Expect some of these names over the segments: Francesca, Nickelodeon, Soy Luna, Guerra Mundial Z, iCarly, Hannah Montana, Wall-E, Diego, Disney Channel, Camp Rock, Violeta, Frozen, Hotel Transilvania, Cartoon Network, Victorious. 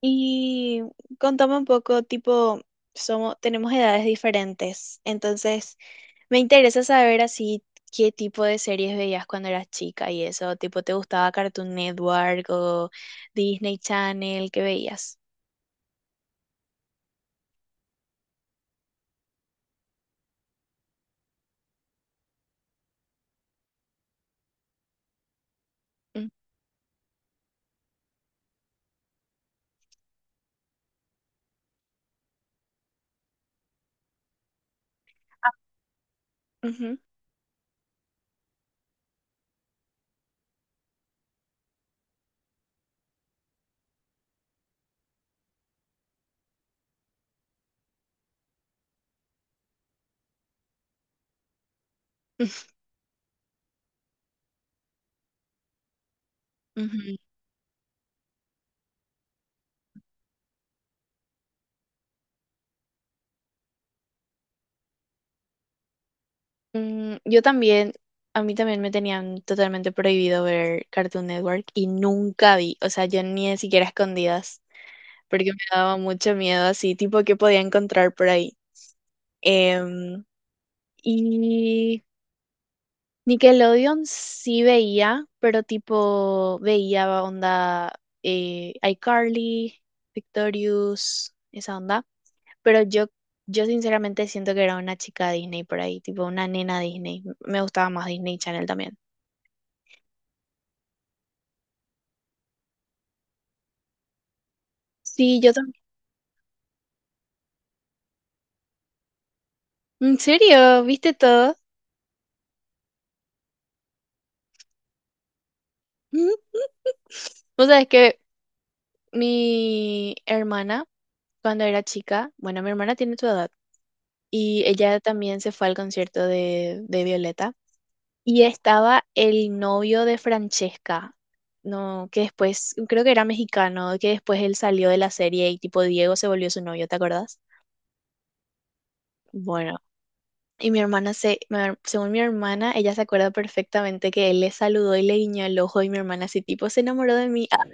Y contame un poco, tipo, somos, tenemos edades diferentes, entonces me interesa saber así qué tipo de series veías cuando eras chica y eso, tipo, ¿te gustaba Cartoon Network o Disney Channel? ¿Qué veías? Mm, ujú, ujú. Mm, yo también, a mí también me tenían totalmente prohibido ver Cartoon Network y nunca vi, o sea, yo ni siquiera a escondidas, porque me daba mucho miedo así, tipo, qué podía encontrar por ahí. Em, Y Nickelodeon sí veía, pero tipo veía onda iCarly, Victorious, esa onda. Pero yo sinceramente siento que era una chica Disney por ahí, tipo una nena Disney. Me gustaba más Disney Channel también. Sí, yo también. ¿En serio? ¿Viste todo? O sea, es que mi hermana, cuando era chica, bueno, mi hermana tiene tu edad, y ella también se fue al concierto de Violeta. Y estaba el novio de Francesca, no, que después, creo que era mexicano, que después él salió de la serie y tipo Diego se volvió su novio, ¿te acordás? Bueno, y mi hermana según mi hermana, ella se acuerda perfectamente que él le saludó y le guiñó el ojo y mi hermana así tipo se enamoró de mí. Ah,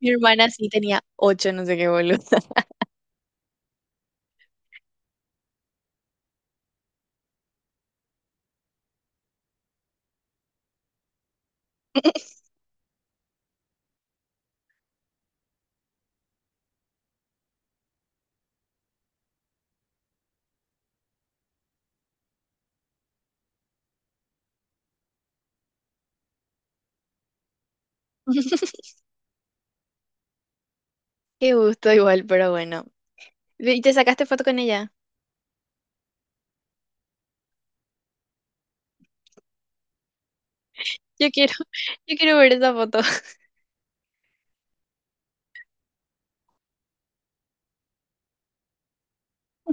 mi hermana sí tenía 8, no sé qué boludo. Qué gusto igual, pero bueno. ¿Y te sacaste foto con ella? Yo quiero, yo quiero ver esa foto.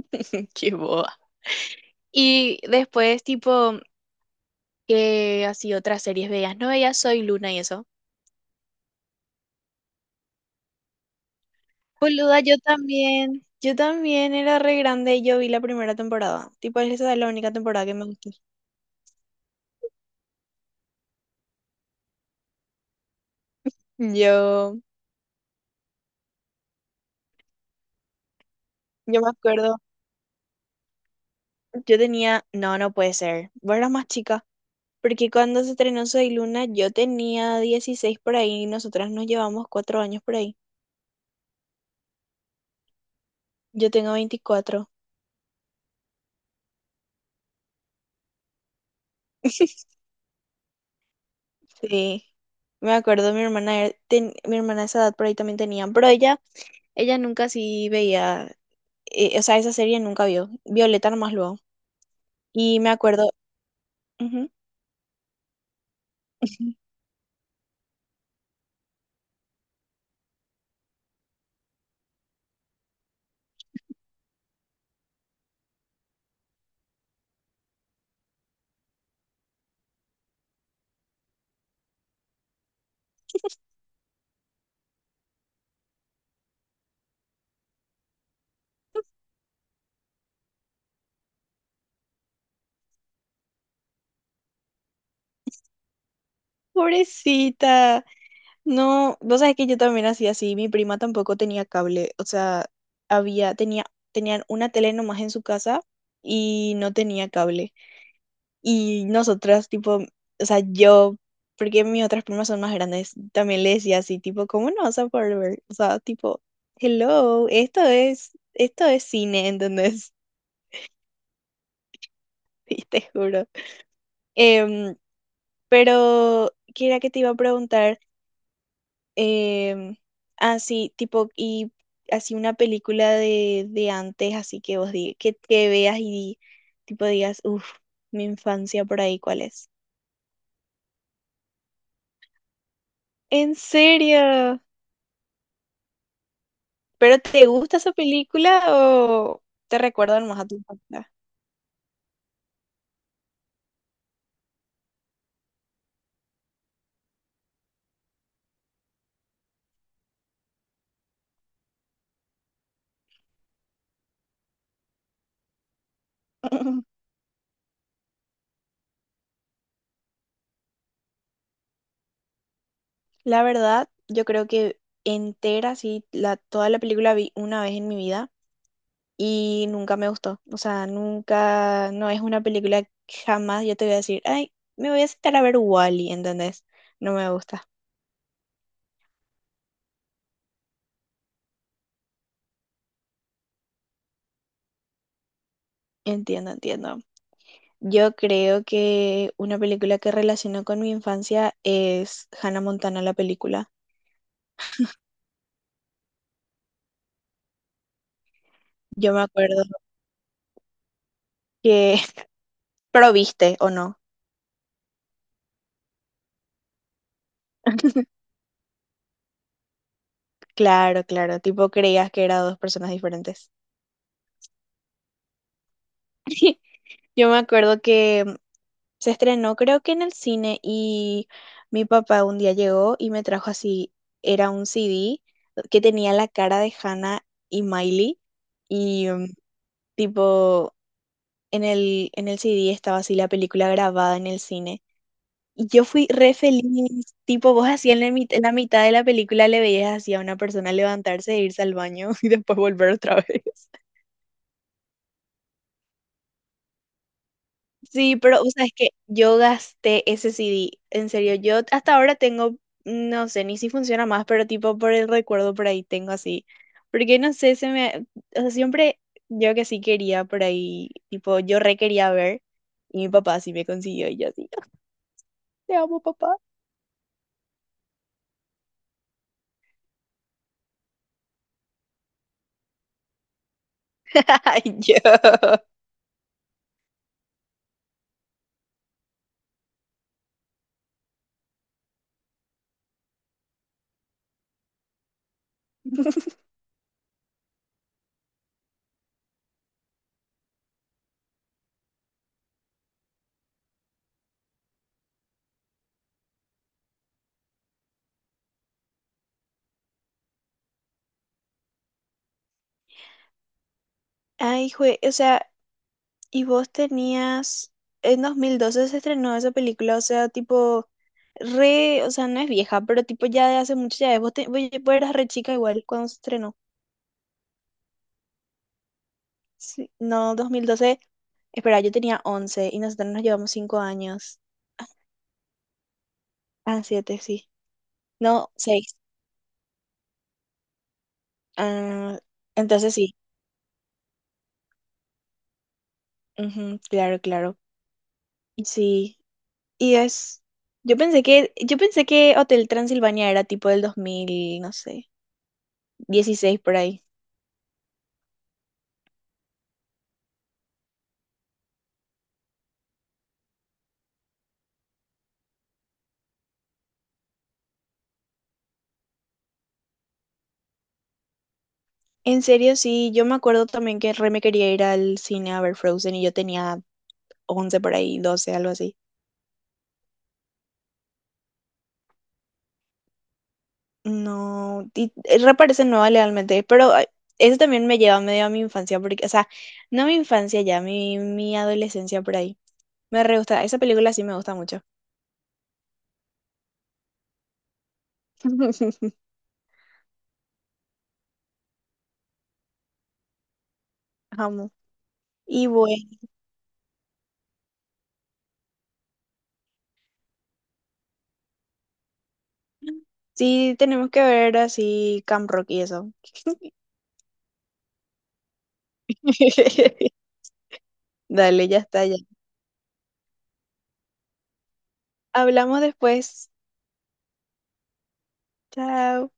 Qué boba. Y después, tipo, que así otras series veías. No veías Soy Luna y eso. Boluda, yo también. Yo también era re grande y yo vi la primera temporada. Tipo, esa es la única temporada que me gustó. Yo, yo me acuerdo, yo tenía, no, no puede ser. Vos eras más chica. Porque cuando se estrenó Soy Luna, yo tenía 16 por ahí y nosotras nos llevamos 4 años por ahí. Yo tengo 24. Sí. Me acuerdo, mi hermana, mi hermana a esa edad por ahí también tenía, pero ella nunca sí veía o sea, esa serie nunca vio. Violeta nomás luego. Y me acuerdo, ujú, pobrecita. No, vos sabés que yo también hacía así. Mi prima tampoco tenía cable. O sea, había, tenía, tenían una tele nomás en su casa y no tenía cable. Y nosotras, tipo, o sea, yo, porque mis otras primas son más grandes, también le decía así, tipo, ¿cómo no vas a poder ver? O sea, tipo, hello, esto es cine, ¿entendés? Y te juro. Em, Pero, ¿qué era que te iba a preguntar? Em, Así, tipo, y así una película de antes, así que vos digas, que veas y tipo digas, uff, mi infancia por ahí, ¿cuál es? ¿En serio? ¿Pero te gusta esa película o te recuerdan más a tu infancia? La verdad, yo creo que entera, sí, toda la película vi una vez en mi vida. Y nunca me gustó. O sea, nunca, no es una película que jamás yo te voy a decir, ay, me voy a sentar a ver Wall-E, ¿entendés? No me gusta. Entiendo, entiendo. Yo creo que una película que relaciono con mi infancia es Hannah Montana, la película. Yo me acuerdo que, pero viste o no. Claro, claro, tipo creías que eran dos personas diferentes. Yo me acuerdo que se estrenó creo que en el cine y mi papá un día llegó y me trajo así, era un CD que tenía la cara de Hannah y Miley y mm, tipo en el CD estaba así la película grabada en el cine. Y yo fui re feliz, tipo vos así en la mitad de la película le veías así a una persona levantarse e irse al baño y después volver otra vez. Sí, pero o sea, es que yo gasté ese CD. En serio, yo hasta ahora tengo, no sé ni si funciona más, pero tipo por el recuerdo por ahí tengo así. Porque no sé, se me. O sea, siempre yo que sí quería por ahí, tipo, yo re quería ver. Y mi papá sí me consiguió y yo así, "Ah, te amo, papá". Ay, yo. Ay, jue, o sea, y vos tenías, en 2012 se estrenó esa película, o sea, tipo, re, o sea, no es vieja, pero tipo ya de hace mucho ya es. Vos, te- vos vos eras re chica igual cuando se estrenó. Sí, no, 2012, espera, yo tenía 11 y nosotros nos llevamos 5 años. Ah, 7 sí. No, 6. Ah, entonces sí, ujú, claro, claro. Sí, y es, yo pensé que Hotel Transilvania era tipo del 2000 no sé, 16 por ahí. En serio, sí, yo me acuerdo también que re me quería ir al cine a ver Frozen y yo tenía 11 por ahí, 12 algo así. No, y reparece nueva legalmente, pero ay, eso también me lleva medio a mi infancia, porque, o sea, no mi infancia ya, mi adolescencia por ahí. Me re gusta, esa película sí me gusta mucho. Amo. Y bueno, sí, tenemos que ver así Camp Rock y eso. Dale, ya está, ya. Hablamos después. Chao.